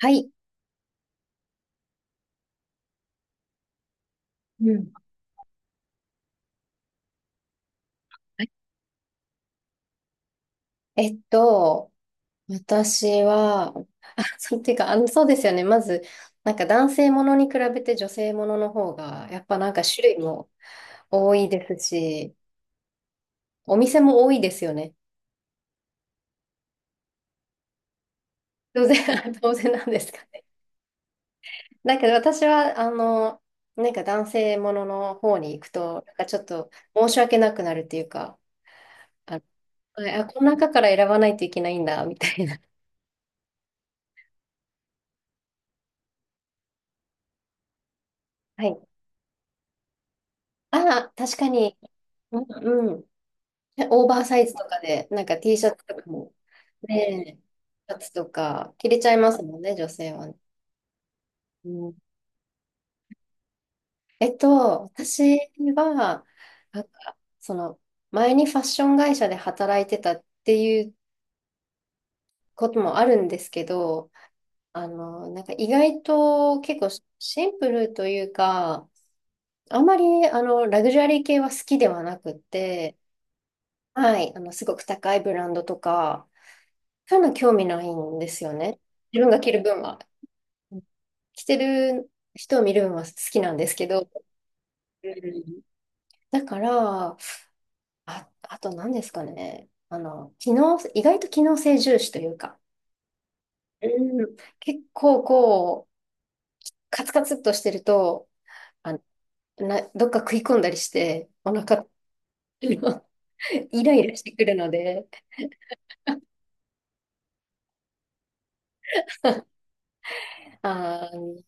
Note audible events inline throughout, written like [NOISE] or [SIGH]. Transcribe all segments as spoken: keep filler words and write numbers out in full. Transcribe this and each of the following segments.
はい。うん。はい。えっと、私は、あ、そう、っていうか、あの、そうですよね。まず、なんか男性ものに比べて女性ものの方が、やっぱなんか種類も多いですし、お店も多いですよね。当然、[LAUGHS] 当然なんですかね。だけど私は、あの、なんか男性ものの方に行くと、なんかちょっと申し訳なくなるっていうか、あ、あ、この中から選ばないといけないんだ、みたいな。はい。ああ、確かに。うん、オーバーサイズとかで、なんか T シャツとかも、ねえ、シャツとか着れちゃいますもんね、女性はね。うん、えっと、私は、なんか、その、前にファッション会社で働いてたっていうこともあるんですけど、あの、なんか意外と結構シンプルというか、あんまり、あの、ラグジュアリー系は好きではなくって、はい、あの、すごく高いブランドとか、そういうの興味ないんですよね。自分が着る分は。着てる人を見るのは好きなんですけど、うん。だから、あ、あと何ですかね。あの、機能、意外と機能性重視というか、うん結構こう、カツカツっとしてると、あ、な、どっか食い込んだりして、お腹、[LAUGHS] イライラしてくるので、あー、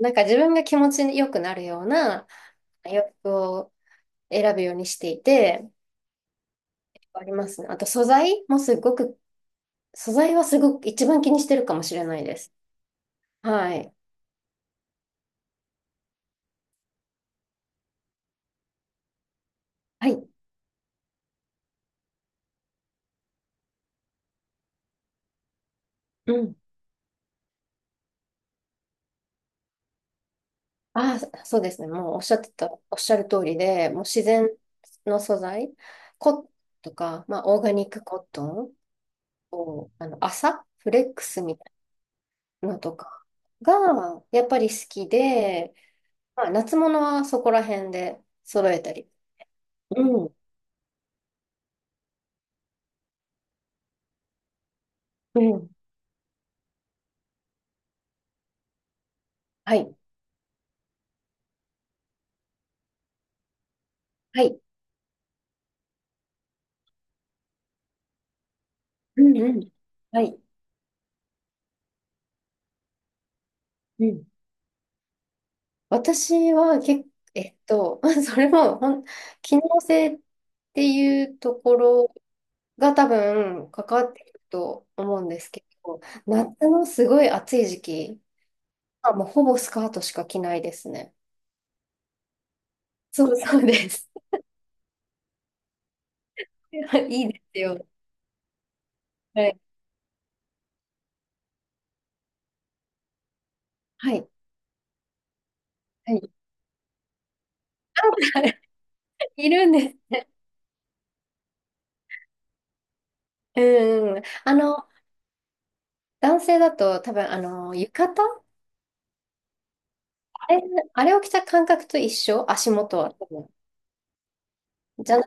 なんか自分が気持ちよくなるような洋服を選ぶようにしていて、ありますね。あと素材もすごく素材はすごく一番気にしてるかもしれないです。はい。はい。うん。ああ、そうですね。もうおっしゃってた、おっしゃる通りで、もう自然の素材、コットンとか、まあ、オーガニックコットンを、あの、麻、フレックスみたいなのとかが、やっぱり好きで、まあ、夏物はそこら辺で揃えたり。うん。うん。はい。はい。うんうん。はい。うん私はけえっと、[LAUGHS] それもほん、機能性っていうところが多分関わってくると思うんですけど、夏のすごい暑い時期はもうほぼスカートしか着ないですね。そうそうです。[LAUGHS] いいですよ。はい。はい。はい [LAUGHS] いるんです。うん。あの、男性だと多分、あの、浴衣あれ、あれを着た感覚と一緒。足元は多分。じゃな、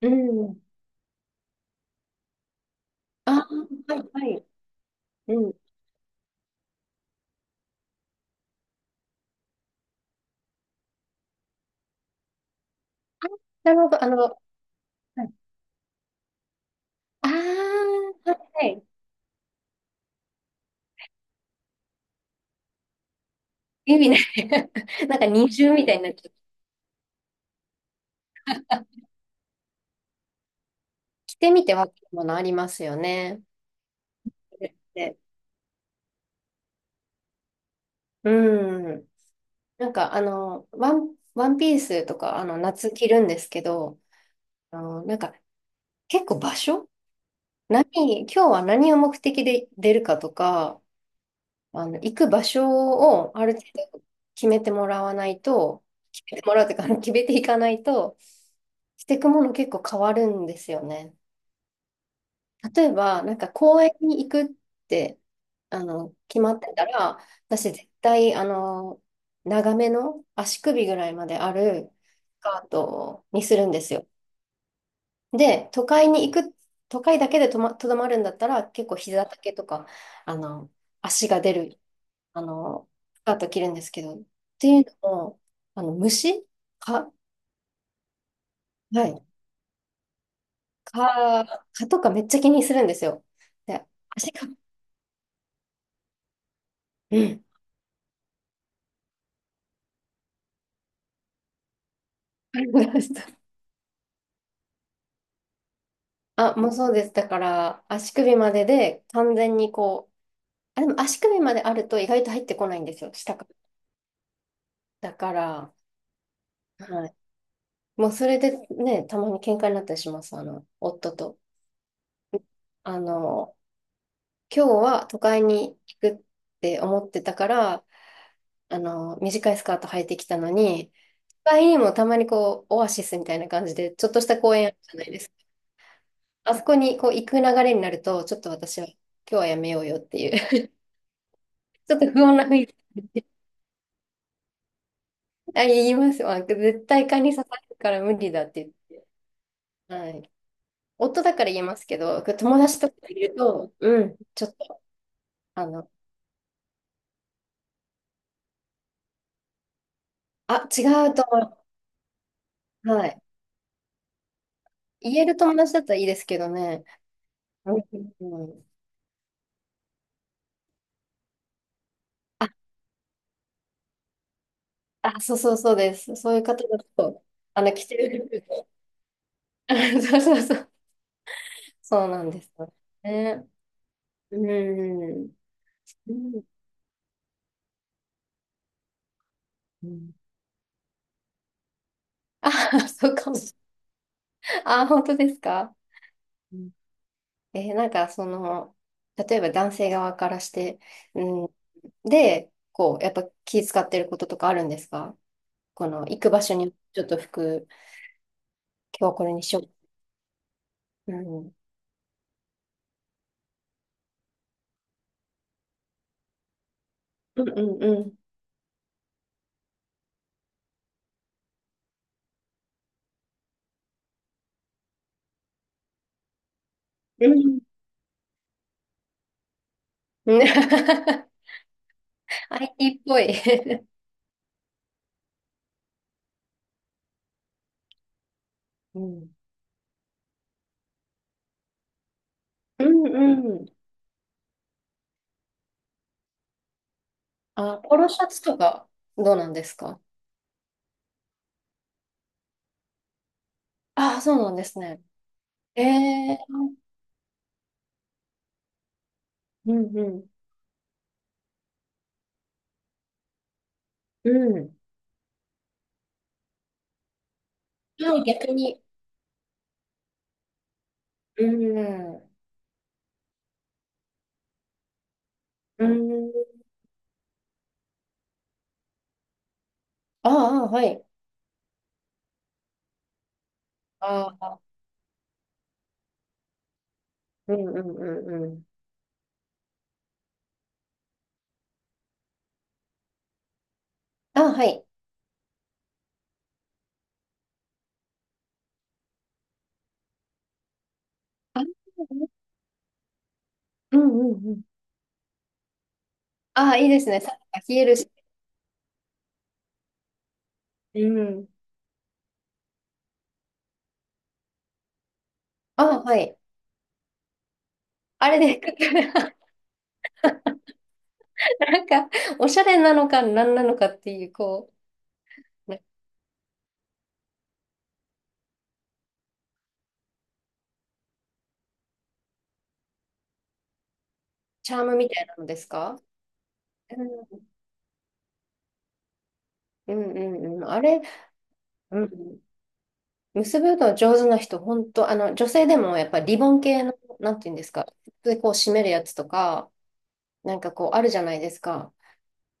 うん。あー、はい、はい。うん。なるほど。あの、はい、ああ、はい指い。[LAUGHS] ななんか二重みたいになっちゃう。着てみてわかるものありますよね。で、うん。なんかあの、ワン、ワンピースとか、あの、夏着るんですけど、あの、なんか結構場所何、今日は何を目的で出るかとか、あの、行く場所をある程度決めてもらわないと、決めてもらうというか、あの決めていかないと、していくもの結構変わるんですよね。例えば、なんか公園に行くって、あの、決まってたら、私絶対、あの、長めの足首ぐらいまであるスカートにするんですよ。で、都会に行く、都会だけでとま、とどまるんだったら、結構膝丈とか、あの、足が出る、あの、スカート着るんですけど、っていうのも、あの、虫か、はい、か、蚊とかめっちゃ気にするんですよ。で、足が、うん。[LAUGHS] あ、もうそうです。だから、足首までで完全にこう、あ、でも足首まであると意外と入ってこないんですよ、下から。だから、はい。もうそれでね、たまに喧嘩になったりします、あの、夫と。あの、今日は都会に行くって思ってたから、あの、短いスカート履いてきたのに、都会にもたまにこう、オアシスみたいな感じで、ちょっとした公園あるじゃないですか。あそこにこう、行く流れになると、ちょっと私は、今日はやめようよっていう、[LAUGHS] ちょっと不穏な雰囲気。あ、言います。まあ、絶対蚊に刺されるから無理だって。はい。夫だから言えますけど、友達とかいると、うん、ちょっと、あの、あ、違うと思う。はい。言える友達だったらいいですけどね。うんうん、あ、あ、そうそうそうです。そういう方だと、あの、着てる服。[LAUGHS] そうそうそう。そうなんですよね。うん。うん。うん。あ、そうかも。あ、本当ですか？えーなんか、その、例えば男性側からして、うん、で、こう、やっぱ気使ってることとかあるんですか？この、行く場所に、ちょっと服、今日はこれにしよう。うん。うんうんうん。うん。アイティー [LAUGHS] っぽい。[LAUGHS] うん。うんうん。あ、ポロシャツとか、どうなんですか？ああ、そうなんですね。ええ、うんうん。うん。はい、逆に。うん。うん。ああ、はい。ああ。うんうんうんうん。あ、はい。あ、うんうんうん。あ、いいですね。サッカー冷えるし。うん。あ、はい。あれで、[LAUGHS] なんか、おしゃれなのか何なのかっていう、こう、なんかチャームみたいなのですか？うんうんうんうん。あれ、うん。結ぶの上手な人、本当あの、女性でもやっぱりリボン系の、なんていうんですか、で、こう締めるやつとか、なんかこうあるじゃないですか。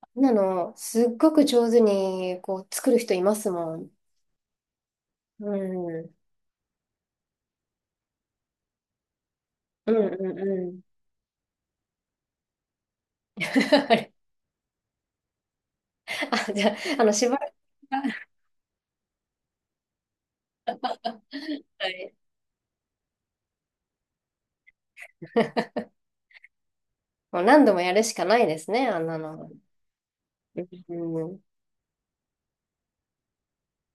あんなの、すっごく上手に、こう、作る人いますもん。うん。うんうんうん。[LAUGHS] あれあ、じゃあ、あの、しばらく。[LAUGHS] はい。もう何度もやるしかないですね、あんなの。うん。